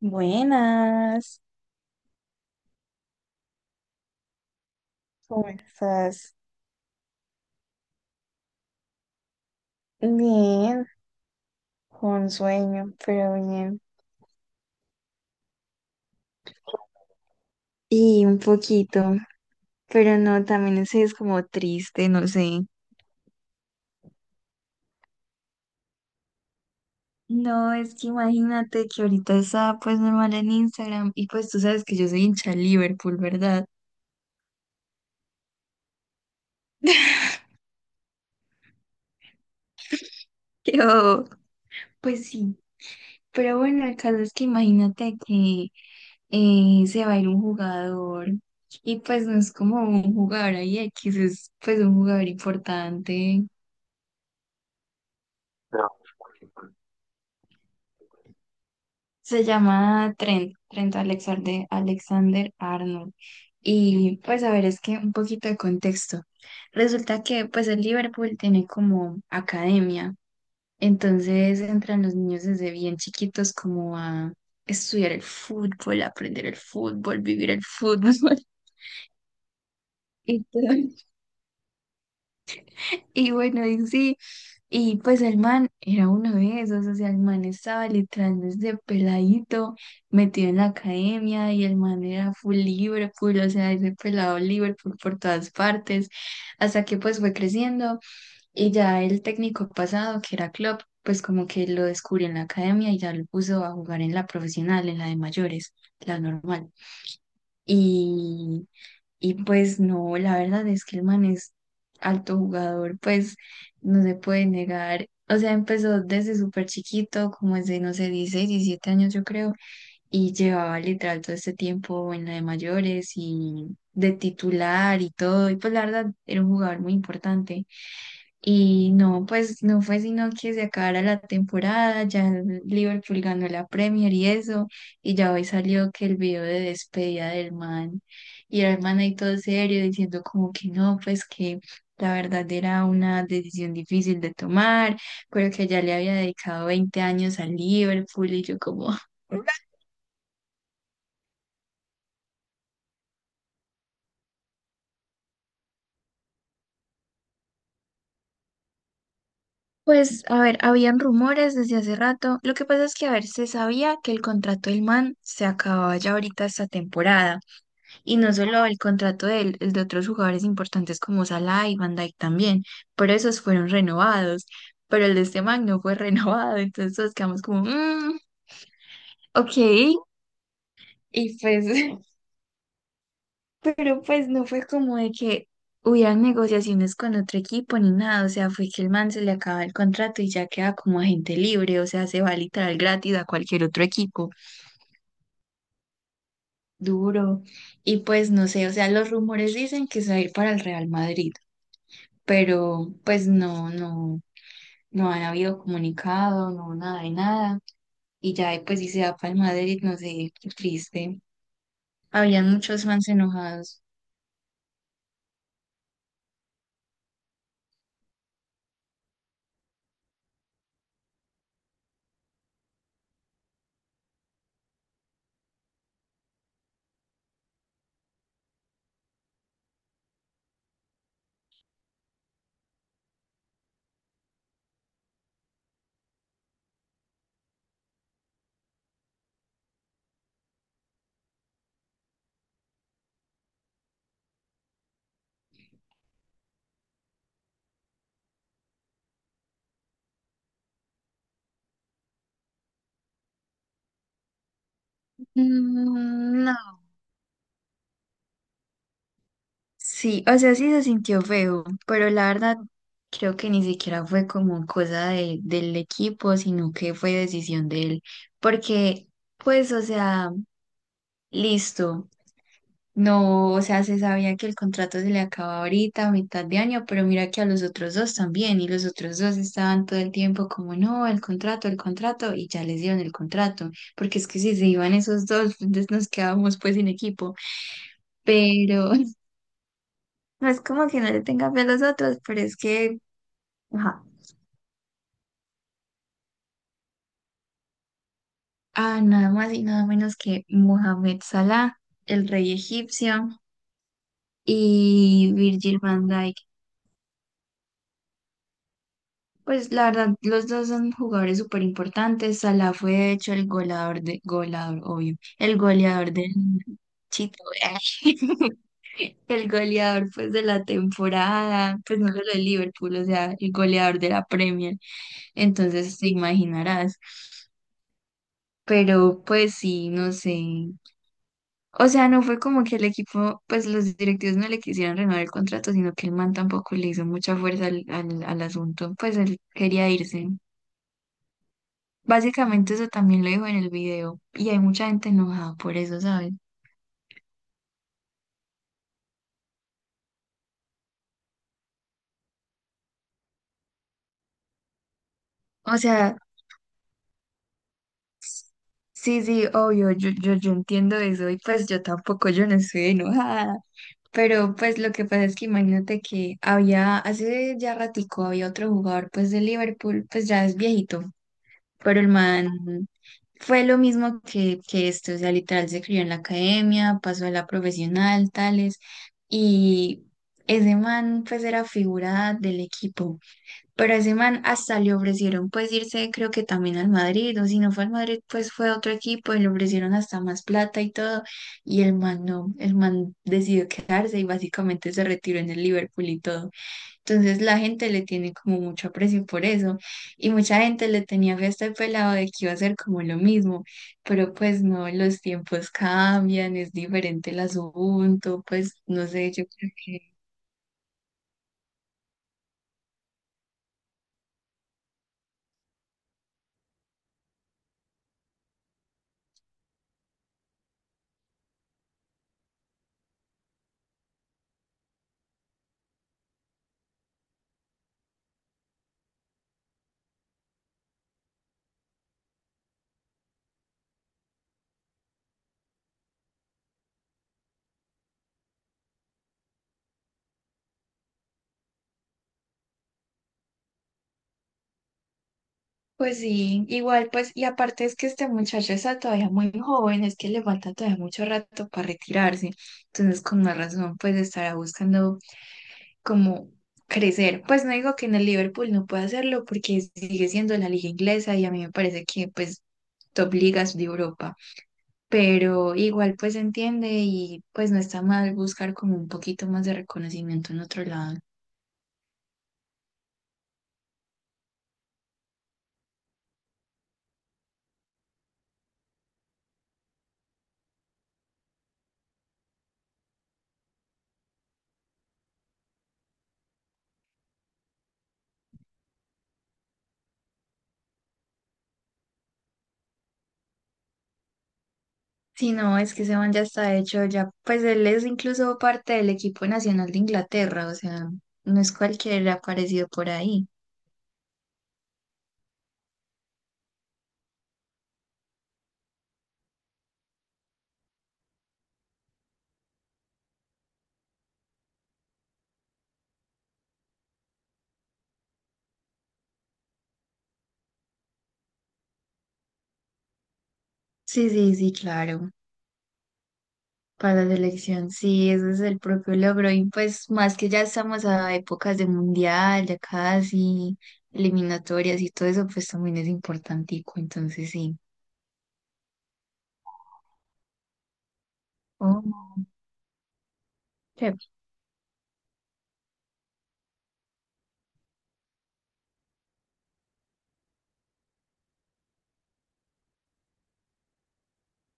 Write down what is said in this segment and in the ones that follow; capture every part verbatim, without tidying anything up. Buenas, ¿cómo estás? Bien, con sueño, pero bien. Y un poquito, pero no, también ese es como triste, no sé. No, es que imagínate que ahorita estaba pues normal en Instagram y pues tú sabes que yo soy hincha de Liverpool, ¿verdad? Yo, pues sí, pero bueno, el caso es que imagínate que eh, se va a ir un jugador y pues no es como un jugador ahí X, es pues un jugador importante. Se llama Trent, Trent Alexander, Alexander Arnold. Y pues a ver, es que un poquito de contexto. Resulta que pues el Liverpool tiene como academia, entonces entran los niños desde bien chiquitos como a estudiar el fútbol, aprender el fútbol, vivir el fútbol y todo. Y bueno, y sí, y pues el man era uno de esos, o sea, el man estaba literal desde peladito, metido en la academia y el man era full Liverpool, o sea, ese pelado Liverpool por todas partes, hasta que pues fue creciendo y ya el técnico pasado, que era Klopp, pues como que lo descubrió en la academia y ya lo puso a jugar en la profesional, en la de mayores, la normal. Y pues no, la verdad es que el man es alto jugador, pues no se puede negar. O sea, empezó desde súper chiquito, como desde, no sé, dieciséis diecisiete años yo creo, y llevaba literal todo este tiempo en la de mayores y de titular y todo. Y pues la verdad era un jugador muy importante. Y no, pues no fue sino que se acabara la temporada, ya el Liverpool ganó la Premier y eso, y ya hoy salió que el video de despedida del man, y era el man ahí todo serio diciendo como que no, pues que la verdad era una decisión difícil de tomar, pero que ya le había dedicado veinte años al Liverpool y yo como... Pues, a ver, habían rumores desde hace rato. Lo que pasa es que, a ver, se sabía que el contrato del man se acababa ya ahorita esta temporada. Y no solo el contrato de él, el de otros jugadores importantes como Salah y Van Dijk también, pero esos fueron renovados, pero el de este man no fue renovado, entonces todos quedamos como, "Mm, ok, y pues", pero pues no fue como de que hubieran negociaciones con otro equipo ni nada, o sea, fue que el man se le acaba el contrato y ya queda como agente libre, o sea, se va literal gratis a cualquier otro equipo, duro, y pues no sé, o sea, los rumores dicen que se va a ir para el Real Madrid. Pero pues no, no, no han habido comunicado, no nada de nada. Y ya pues si se da para el Madrid, no sé, qué triste. Habían muchos fans enojados. Mm, no, sí, o sea, sí se sintió feo, pero la verdad creo que ni siquiera fue como cosa de- del equipo, sino que fue decisión de él, porque pues, o sea, listo. No, o sea, se sabía que el contrato se le acaba ahorita, a mitad de año, pero mira que a los otros dos también, y los otros dos estaban todo el tiempo como, no, el contrato, el contrato, y ya les dieron el contrato, porque es que si se iban esos dos, entonces nos quedábamos pues sin equipo, pero no es como que no le tenga fe a los otros, pero es que, ajá, ah, nada más y nada menos que Mohamed Salah, el rey egipcio, y Virgil van Dijk. Pues la verdad, los dos son jugadores súper importantes. Salah fue de hecho el goleador de, goleador, obvio, el goleador del Chito, el goleador pues de la temporada, pues no solo de Liverpool, o sea, el goleador de la Premier. Entonces te imaginarás. Pero pues sí, no sé. O sea, no fue como que el equipo, pues los directivos no le quisieron renovar el contrato, sino que el man tampoco le hizo mucha fuerza al, al al asunto, pues él quería irse. Básicamente eso también lo dijo en el video y hay mucha gente enojada por eso, ¿sabes? O sea, sí, sí, obvio, yo, yo, yo entiendo eso y pues yo tampoco, yo no estoy enojada, pero pues lo que pasa es que imagínate que había, hace ya ratico había otro jugador pues de Liverpool, pues ya es viejito, pero el man fue lo mismo que, que este, o sea, literal se crió en la academia, pasó a la profesional, tales, y ese man pues era figura del equipo. Pero a ese man hasta le ofrecieron pues irse creo que también al Madrid, o si no fue al Madrid pues fue a otro equipo y le ofrecieron hasta más plata y todo, y el man no, el man decidió quedarse y básicamente se retiró en el Liverpool y todo. Entonces la gente le tiene como mucho aprecio por eso, y mucha gente le tenía fe a este pelado de que iba a ser como lo mismo, pero pues no, los tiempos cambian, es diferente el asunto, pues no sé, yo creo. Pues sí, igual pues, y aparte es que este muchacho está todavía muy joven, es que le falta todavía mucho rato para retirarse, entonces con más razón pues estará buscando como crecer. Pues no digo que en el Liverpool no pueda hacerlo porque sigue siendo la liga inglesa y a mí me parece que pues top ligas de Europa, pero igual pues entiende y pues no está mal buscar como un poquito más de reconocimiento en otro lado. Sí, no, es que ese man ya está hecho, ya, pues él es incluso parte del equipo nacional de Inglaterra, o sea, no es cualquier aparecido por ahí. Sí, sí, sí, claro, para la selección, sí, ese es el propio logro, y pues más que ya estamos a épocas de mundial, ya casi, eliminatorias y todo eso, pues también es importantico, entonces sí. Oh, qué...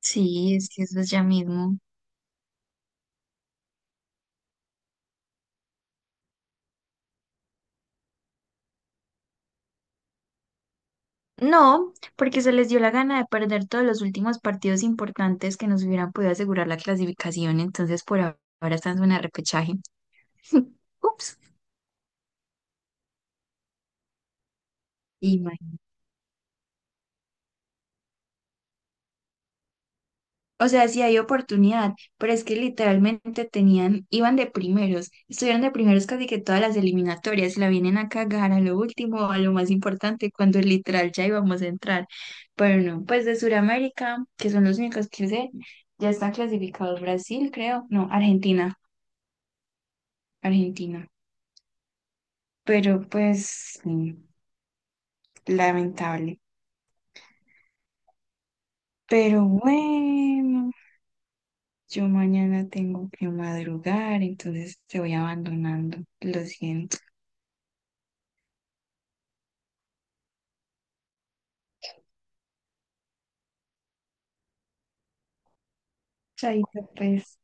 Sí, es que eso es ya mismo. No, porque se les dio la gana de perder todos los últimos partidos importantes que nos hubieran podido asegurar la clasificación, entonces por a- ahora están en zona de repechaje. Ups. Imagínate. O sea, sí hay oportunidad, pero es que literalmente tenían, iban de primeros, estuvieron de primeros casi que todas las eliminatorias, y la vienen a cagar a lo último, a lo más importante, cuando literal ya íbamos a entrar. Pero no, pues de Sudamérica, que son los únicos que sé, ya están clasificados Brasil, creo, no, Argentina, Argentina. Pero pues sí, lamentable. Pero bueno, yo mañana tengo que madrugar, entonces te voy abandonando. Lo siento. Chaito, pues.